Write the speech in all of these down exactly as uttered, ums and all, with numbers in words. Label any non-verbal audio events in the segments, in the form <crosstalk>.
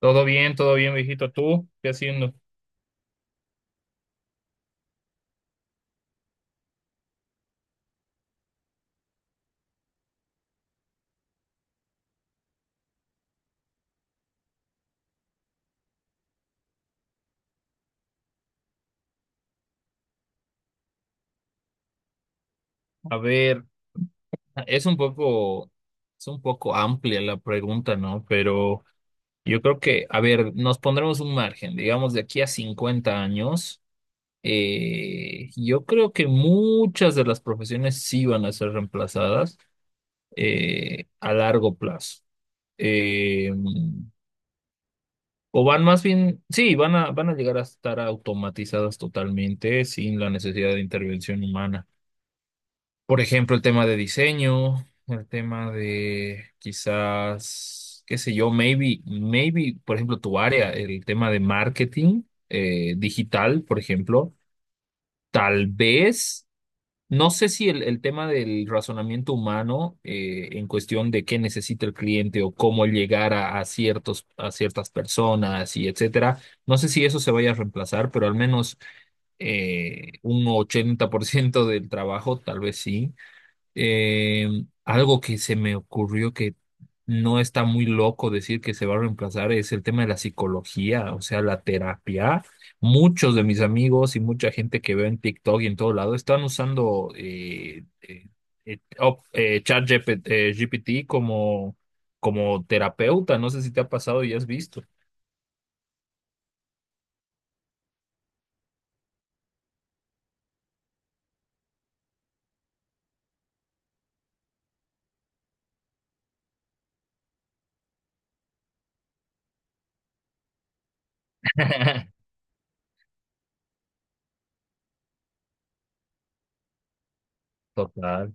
Todo bien, todo bien, viejito. ¿Tú qué haciendo? A ver, es un poco, es un poco amplia la pregunta, ¿no? Pero yo creo que, a ver, nos pondremos un margen, digamos, de aquí a cincuenta años. Eh, yo creo que muchas de las profesiones sí van a ser reemplazadas eh, a largo plazo. Eh, o van más bien, sí, van a, van a llegar a estar automatizadas totalmente sin la necesidad de intervención humana. Por ejemplo, el tema de diseño, el tema de quizás, qué sé yo, maybe, maybe, por ejemplo, tu área, el tema de marketing eh, digital, por ejemplo, tal vez, no sé si el, el tema del razonamiento humano eh, en cuestión de qué necesita el cliente o cómo llegar a, a ciertos, a ciertas personas y etcétera, no sé si eso se vaya a reemplazar, pero al menos eh, un ochenta por ciento del trabajo, tal vez sí. Eh, algo que se me ocurrió que no está muy loco decir que se va a reemplazar es el tema de la psicología, o sea, la terapia. Muchos de mis amigos y mucha gente que veo en TikTok y en todo lado están usando eh, eh, eh, op- eh, chat G P T eh, G P T como, como terapeuta. No sé si te ha pasado y has visto. <laughs> Total,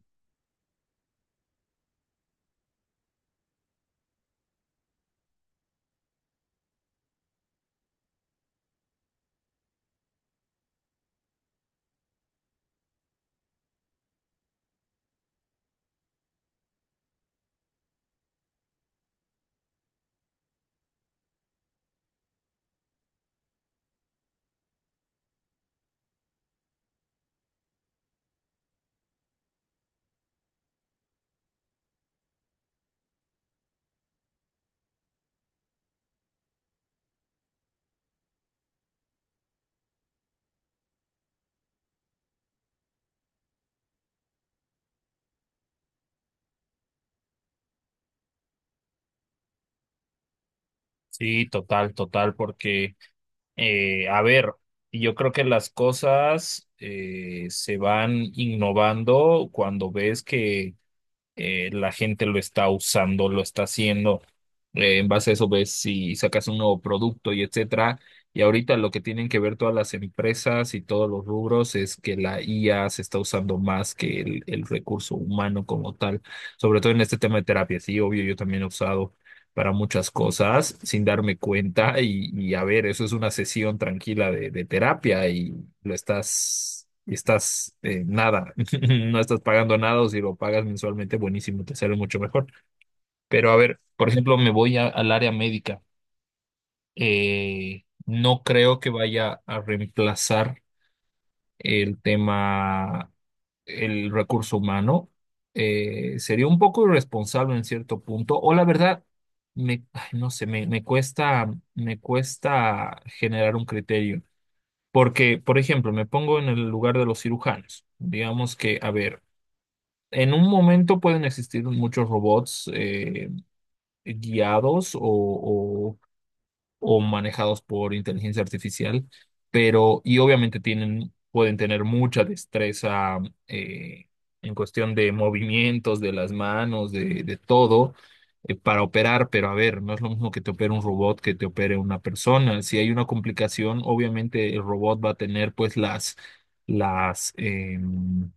sí, total, total, porque Eh, a ver, yo creo que las cosas eh, se van innovando cuando ves que eh, la gente lo está usando, lo está haciendo. Eh, en base a eso ves si sacas un nuevo producto y etcétera. Y ahorita lo que tienen que ver todas las empresas y todos los rubros es que la I A se está usando más que el, el recurso humano como tal, sobre todo en este tema de terapia. Sí, obvio, yo también he usado para muchas cosas sin darme cuenta y, y a ver, eso es una sesión tranquila de, de terapia y lo estás, y estás eh, nada, <laughs> no estás pagando nada o si lo pagas mensualmente, buenísimo, te sale mucho mejor. Pero a ver, por ejemplo, me voy a- al área médica. Eh, no creo que vaya a reemplazar el tema, el recurso humano. Eh, sería un poco irresponsable en cierto punto, o la verdad, me, ay, no sé, me, me cuesta, me cuesta generar un criterio. Porque, por ejemplo, me pongo en el lugar de los cirujanos. Digamos que, a ver, en un momento pueden existir muchos robots eh, guiados o, o manejados por inteligencia artificial, pero y obviamente tienen, pueden tener mucha destreza eh, en cuestión de movimientos de las manos, de, de todo, eh, para operar, pero a ver, no es lo mismo que te opere un robot que te opere una persona. Si hay una complicación, obviamente el robot va a tener pues las, las, em,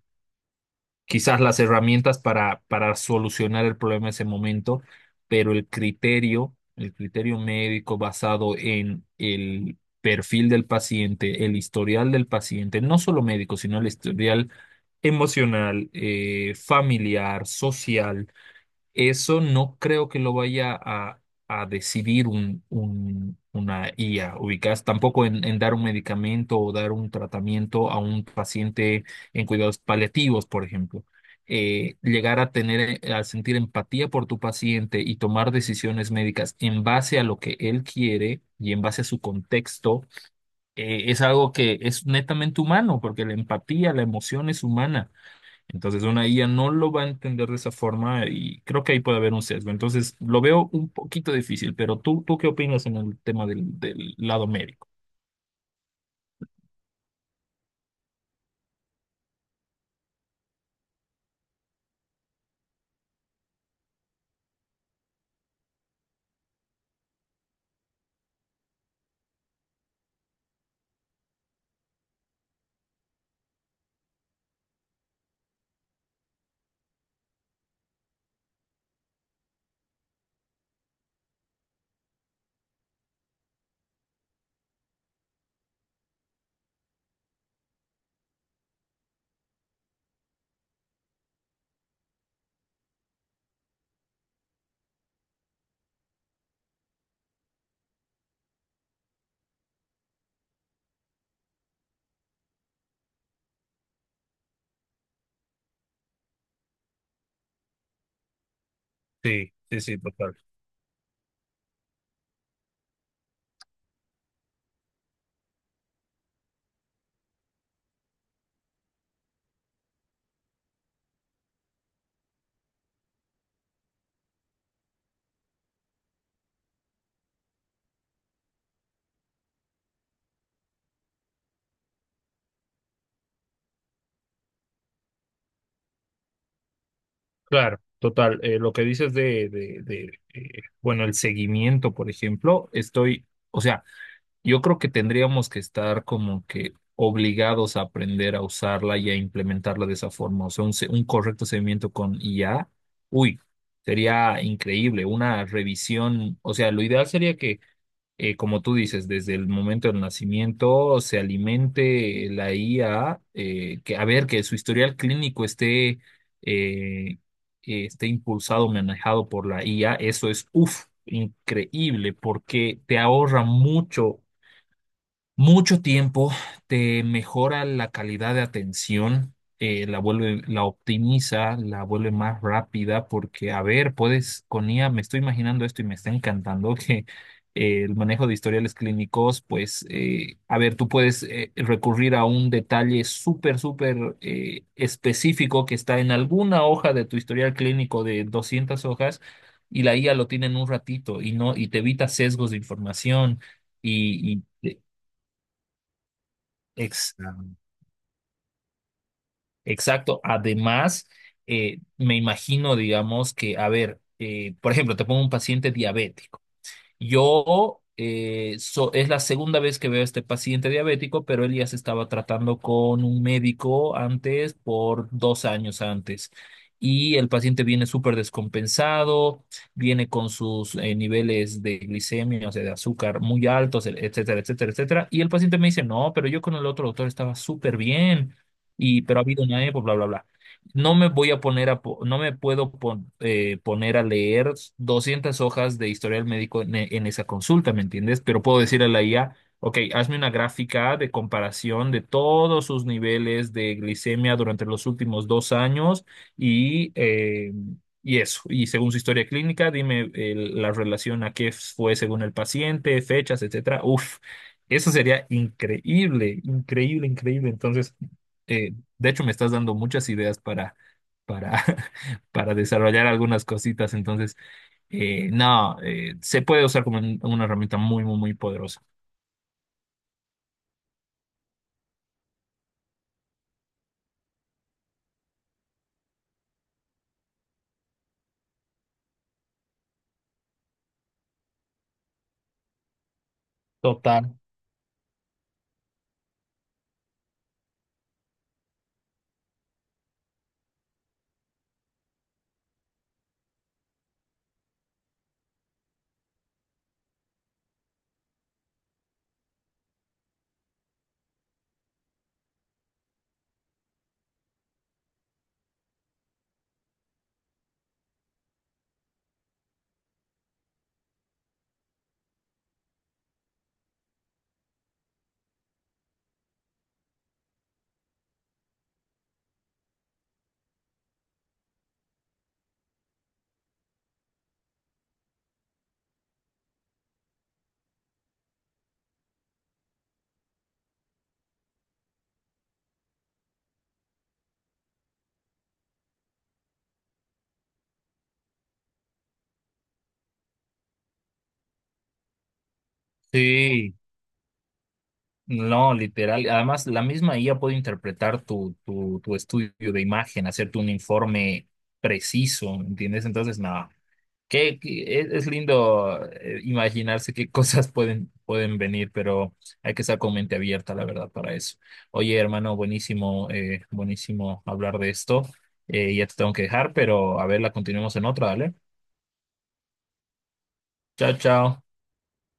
quizás las herramientas para, para solucionar el problema en ese momento, pero el criterio, el criterio médico basado en el perfil del paciente, el historial del paciente, no solo médico, sino el historial emocional, eh, familiar, social eso no creo que lo vaya a, a decidir un, un- una I A, ubicás, tampoco en, en dar un medicamento o dar un tratamiento a un paciente en cuidados paliativos, por ejemplo. Eh, llegar a tener, eh, a sentir empatía por tu paciente y tomar decisiones médicas en base a lo que él quiere y en base a su contexto, eh, es algo que es netamente humano, porque la empatía, la emoción es humana. Entonces una I A no lo va a entender de esa forma y creo que ahí puede haber un sesgo. Entonces lo veo un poquito difícil, pero tú, ¿tú qué opinas en el tema del, del lado médico? Sí, sí, sí, total. Claro, total. Eh, lo que dices de, de, de, eh, bueno, el seguimiento, por ejemplo, estoy, o sea, yo creo que tendríamos que estar como que obligados a aprender a usarla y a implementarla de esa forma. O sea, un, se- un correcto seguimiento con I A, uy, sería increíble. Una revisión, o sea, lo ideal sería que, eh, como tú dices, desde el momento del nacimiento se alimente la I A, eh, que a ver, que su historial clínico esté, eh, eh, esté impulsado, manejado por la I A, eso es, uff, increíble porque te ahorra mucho mucho tiempo, te mejora la calidad de atención, eh, la vuelve, la optimiza, la vuelve más rápida, porque, a ver, puedes, con I A, me estoy imaginando esto y me está encantando que eh, el manejo de historiales clínicos, pues, eh, a ver, tú puedes eh, recurrir a un detalle súper, súper eh, específico que está en alguna hoja de tu historial clínico de doscientas hojas. Y la I A lo tiene en un ratito y no, y te evita sesgos de información y, y Ex- Exacto. Además, eh, me imagino, digamos, que, a ver, eh, por ejemplo, te pongo un paciente diabético. Yo, eh, so- es la segunda vez que veo a este paciente diabético, pero él ya se estaba tratando con un médico antes, por dos años antes. Y el paciente viene súper descompensado, viene con sus eh, niveles de glicemia, o sea, de azúcar muy altos, e-, etcétera, etcétera, etcétera. Y el paciente me dice, no, pero yo con el otro doctor estaba súper bien, y, pero ha habido una época, bla, bla, bla. No me voy a poner a, po- no me puedo pon- eh, poner a leer doscientas hojas de historial médico en, e- en esa consulta, ¿me entiendes? Pero puedo decirle a la I A, ok, hazme una gráfica de comparación de todos sus niveles de glicemia durante los últimos dos años y, eh, y eso. Y según su historia clínica, dime el- la relación a qué fue según el paciente, fechas, etcétera. Uf, eso sería increíble, increíble, increíble. Entonces eh, de hecho, me estás dando muchas ideas para, para, <laughs> para desarrollar algunas cositas. Entonces, eh, no, eh, se puede usar como un- una herramienta muy, muy, muy poderosa. Total, sí, no, literal. Además, la misma I A puede interpretar tu, tu, tu estudio de imagen, hacerte un informe preciso, ¿entiendes? Entonces, nada, que, que es es lindo eh, imaginarse qué cosas pueden, pueden venir, pero hay que estar con mente abierta, la verdad, para eso. Oye, hermano, buenísimo, eh, buenísimo hablar de esto. Eh, ya te tengo que dejar, pero a ver, la continuemos en otra, ¿vale? Chao, chao.